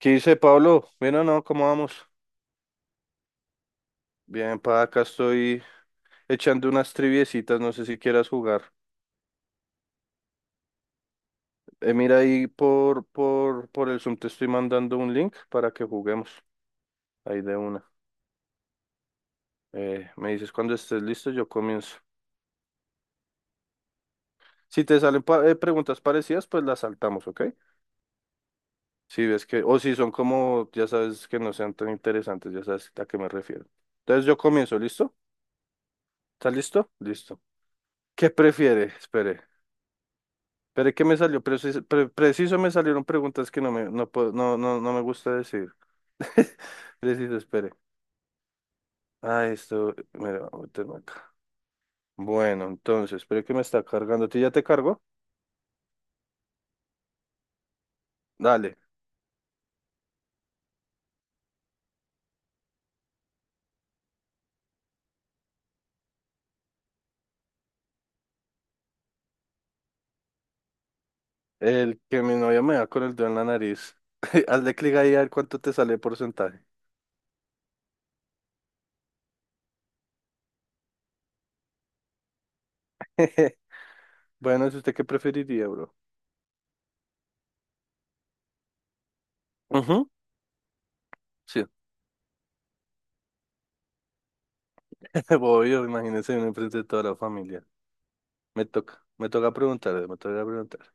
¿Qué dice Pablo? Bueno, no, ¿cómo vamos? Bien, pa, acá estoy echando unas triviecitas, no sé si quieras jugar. Mira ahí por el Zoom te estoy mandando un link para que juguemos, ahí de una. Me dices cuando estés listo, yo comienzo. Si te salen preguntas parecidas, pues las saltamos, ¿ok? Si ves que, o si son como, ya sabes que no sean tan interesantes, ya sabes a qué me refiero. Entonces yo comienzo, ¿listo? ¿Estás listo? Listo. ¿Qué prefiere? Espere. Pero es que me salió, preciso, preciso me salieron preguntas que no me, no, no, no me gusta decir. Preciso, espere. Ah, esto, mira, voy a meterme acá. Bueno, entonces, espere que me está cargando. ¿Tú ya te cargo? Dale. El que mi novia me da con el dedo en la nariz. Hazle clic ahí a ver cuánto te sale el porcentaje. Bueno, ¿es usted qué preferiría, bro? Ujú. Sí. Obvio, imagínese uno enfrente de toda la familia. Me toca preguntarle, me toca preguntar.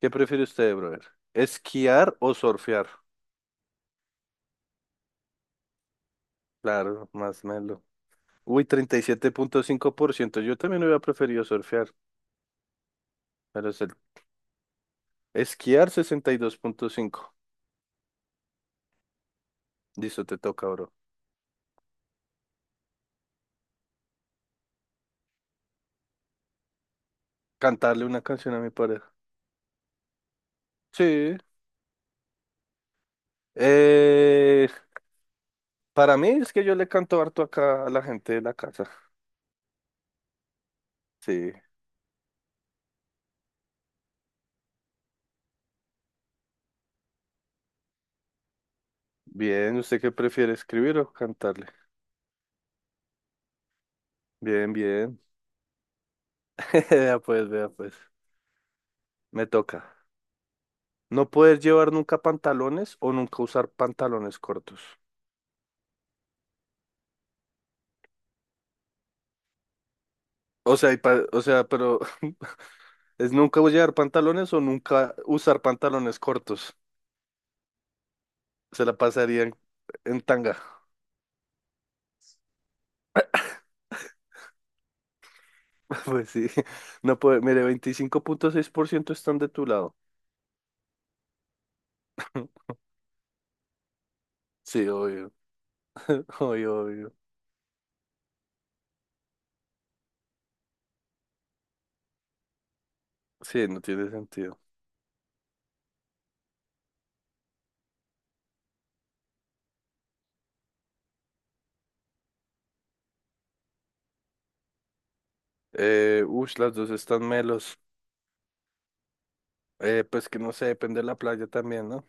¿Qué prefiere usted, brother? ¿Esquiar o surfear? Claro, más melo. Uy, 37,5%. Yo también hubiera preferido surfear, pero es el esquiar 62,5. Listo, te toca, bro. Cantarle una canción a mi pareja. Sí. Eh, para mí es que yo le canto harto acá a la gente de la casa. Sí. Bien, ¿usted qué prefiere, escribir o cantarle? Bien, bien. Vea pues, vea pues. Me toca. No poder llevar nunca pantalones o nunca usar pantalones cortos. O sea, y o sea, pero es nunca llevar pantalones o nunca usar pantalones cortos. Se la pasarían en tanga. Pues sí. No puede. Mire, 25,6% están de tu lado. Sí, obvio. Obvio, obvio. Sí, no tiene sentido. Ush, las dos están melos. Pues que no sé, depende de la playa también, ¿no?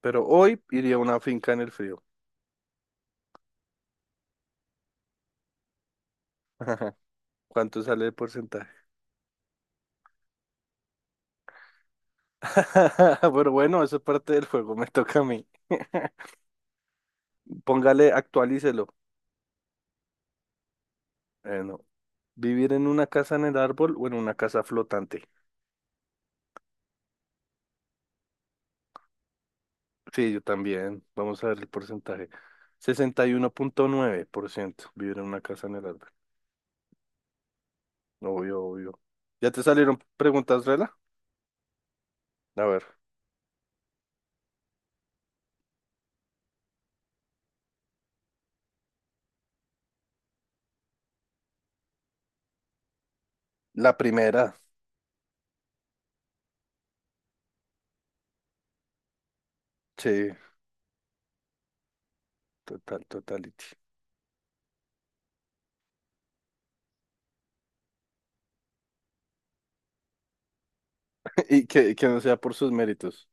Pero hoy iría a una finca en el frío. ¿Cuánto sale el porcentaje? Pero bueno, eso es parte del juego, me toca a mí. Póngale, actualícelo. Bueno, vivir en una casa en el árbol o en una casa flotante. Sí, yo también. Vamos a ver el porcentaje. 61,9% vivir en una casa en el árbol. Obvio, obvio. ¿Ya te salieron preguntas, Rela? A ver, la primera. Sí, total, totality. Y que no sea por sus méritos.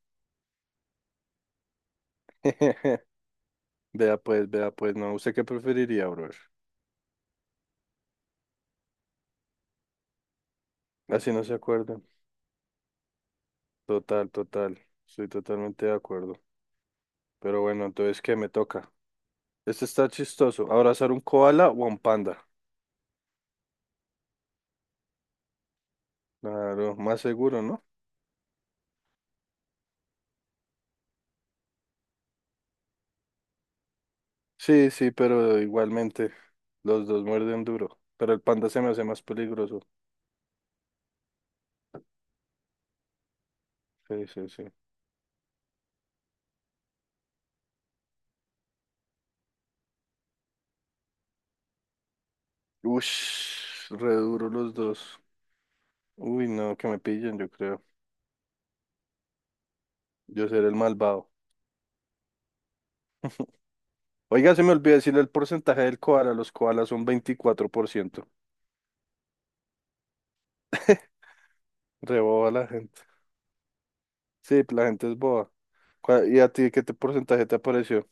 Vea pues, no. ¿Usted qué preferiría, brother? Así no se acuerdan. Total, total. Estoy totalmente de acuerdo. Pero bueno, entonces, ¿qué me toca? Este está chistoso. ¿Abrazar un koala o un panda? Claro, más seguro, ¿no? Sí, sí, pero igualmente los dos muerden duro. Pero el panda se me hace más peligroso. Sí, sí, sí. Ush, re duro los dos. Uy, no, que me pillen, yo creo. Yo seré el malvado. Oiga, se me olvidó decir el porcentaje del koala. Los koalas son 24%. Reboba la gente. Sí, la gente es boba. ¿Y a ti qué te porcentaje te apareció?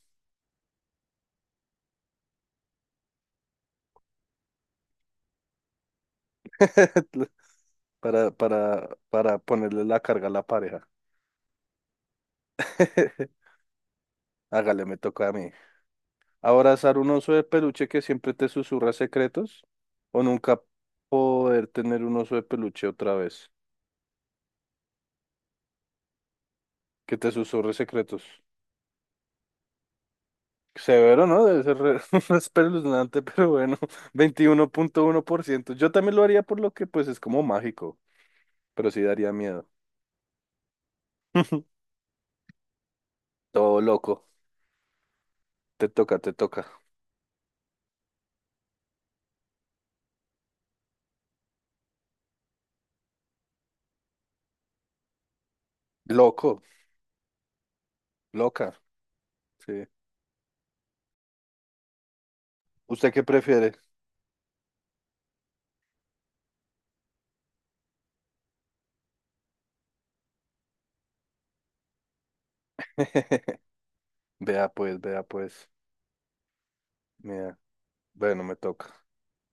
Para ponerle la carga a la pareja. Hágale, me toca a mí. ¿Abrazar un oso de peluche que siempre te susurra secretos? ¿O nunca poder tener un oso de peluche otra vez que te susurre secretos? Severo, ¿no? Debe ser espeluznante, pero bueno, 21,1%. Yo también lo haría por lo que pues es como mágico, pero sí daría miedo. Todo loco. Te toca, te toca. Loco, loca. Sí. ¿Usted qué prefiere? Vea pues, vea pues. Mira. Bueno, me toca.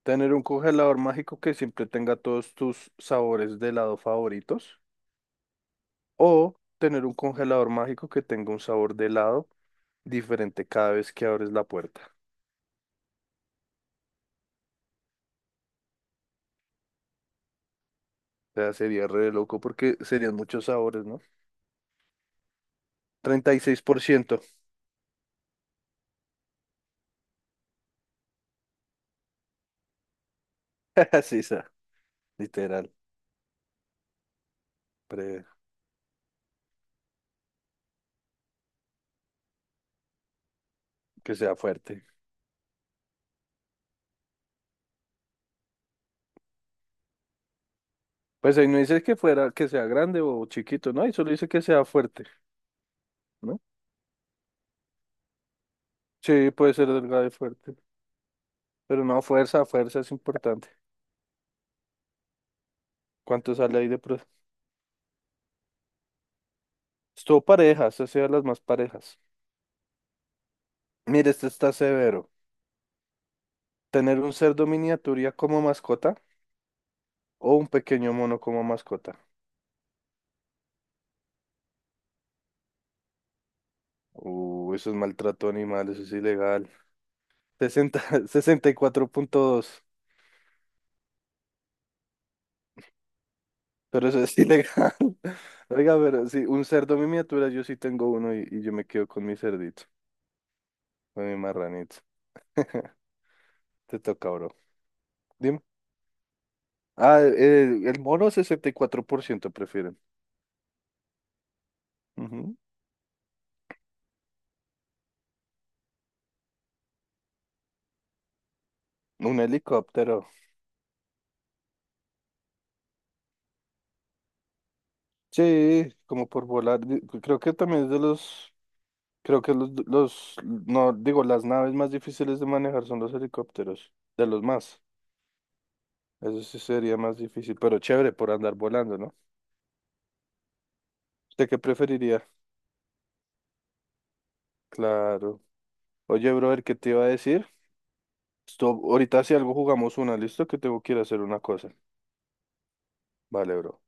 Tener un congelador mágico que siempre tenga todos tus sabores de helado favoritos. O tener un congelador mágico que tenga un sabor de helado diferente cada vez que abres la puerta. O sea, sería re loco porque serían muchos sabores, ¿no? 36%. Sí, está, literal. pre- que sea fuerte. Pues ahí no dice que fuera, que sea grande o chiquito, ¿no? Ahí solo dice que sea fuerte, ¿no? Sí, puede ser delgado y fuerte. Pero no, fuerza, fuerza es importante. ¿Cuánto sale ahí de pro? Estuvo parejas, ha sido de las más parejas. Mire, este está severo. ¿Tener un cerdo miniatura como mascota o un pequeño mono como mascota? Eso es maltrato animal, eso es ilegal. 60, 64.2, pero eso es ilegal. Oiga, pero sí, un cerdo miniatura, yo sí tengo uno y yo me quedo con mi cerdito, con mi marranito. Te toca, bro. Dime. Ah, el mono 64% prefieren. Ujú. Un helicóptero. Sí, como por volar. Pues, creo que también es de los, creo que no, digo, las naves más difíciles de manejar son los helicópteros, de los más. Eso sí sería más difícil, pero chévere por andar volando, ¿no? ¿Usted qué preferiría? Claro. Oye, brother, ¿qué te iba a decir? Ahorita si algo jugamos una, ¿listo? Que tengo que ir a hacer una cosa. Vale, bro.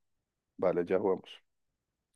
Vale, ya jugamos.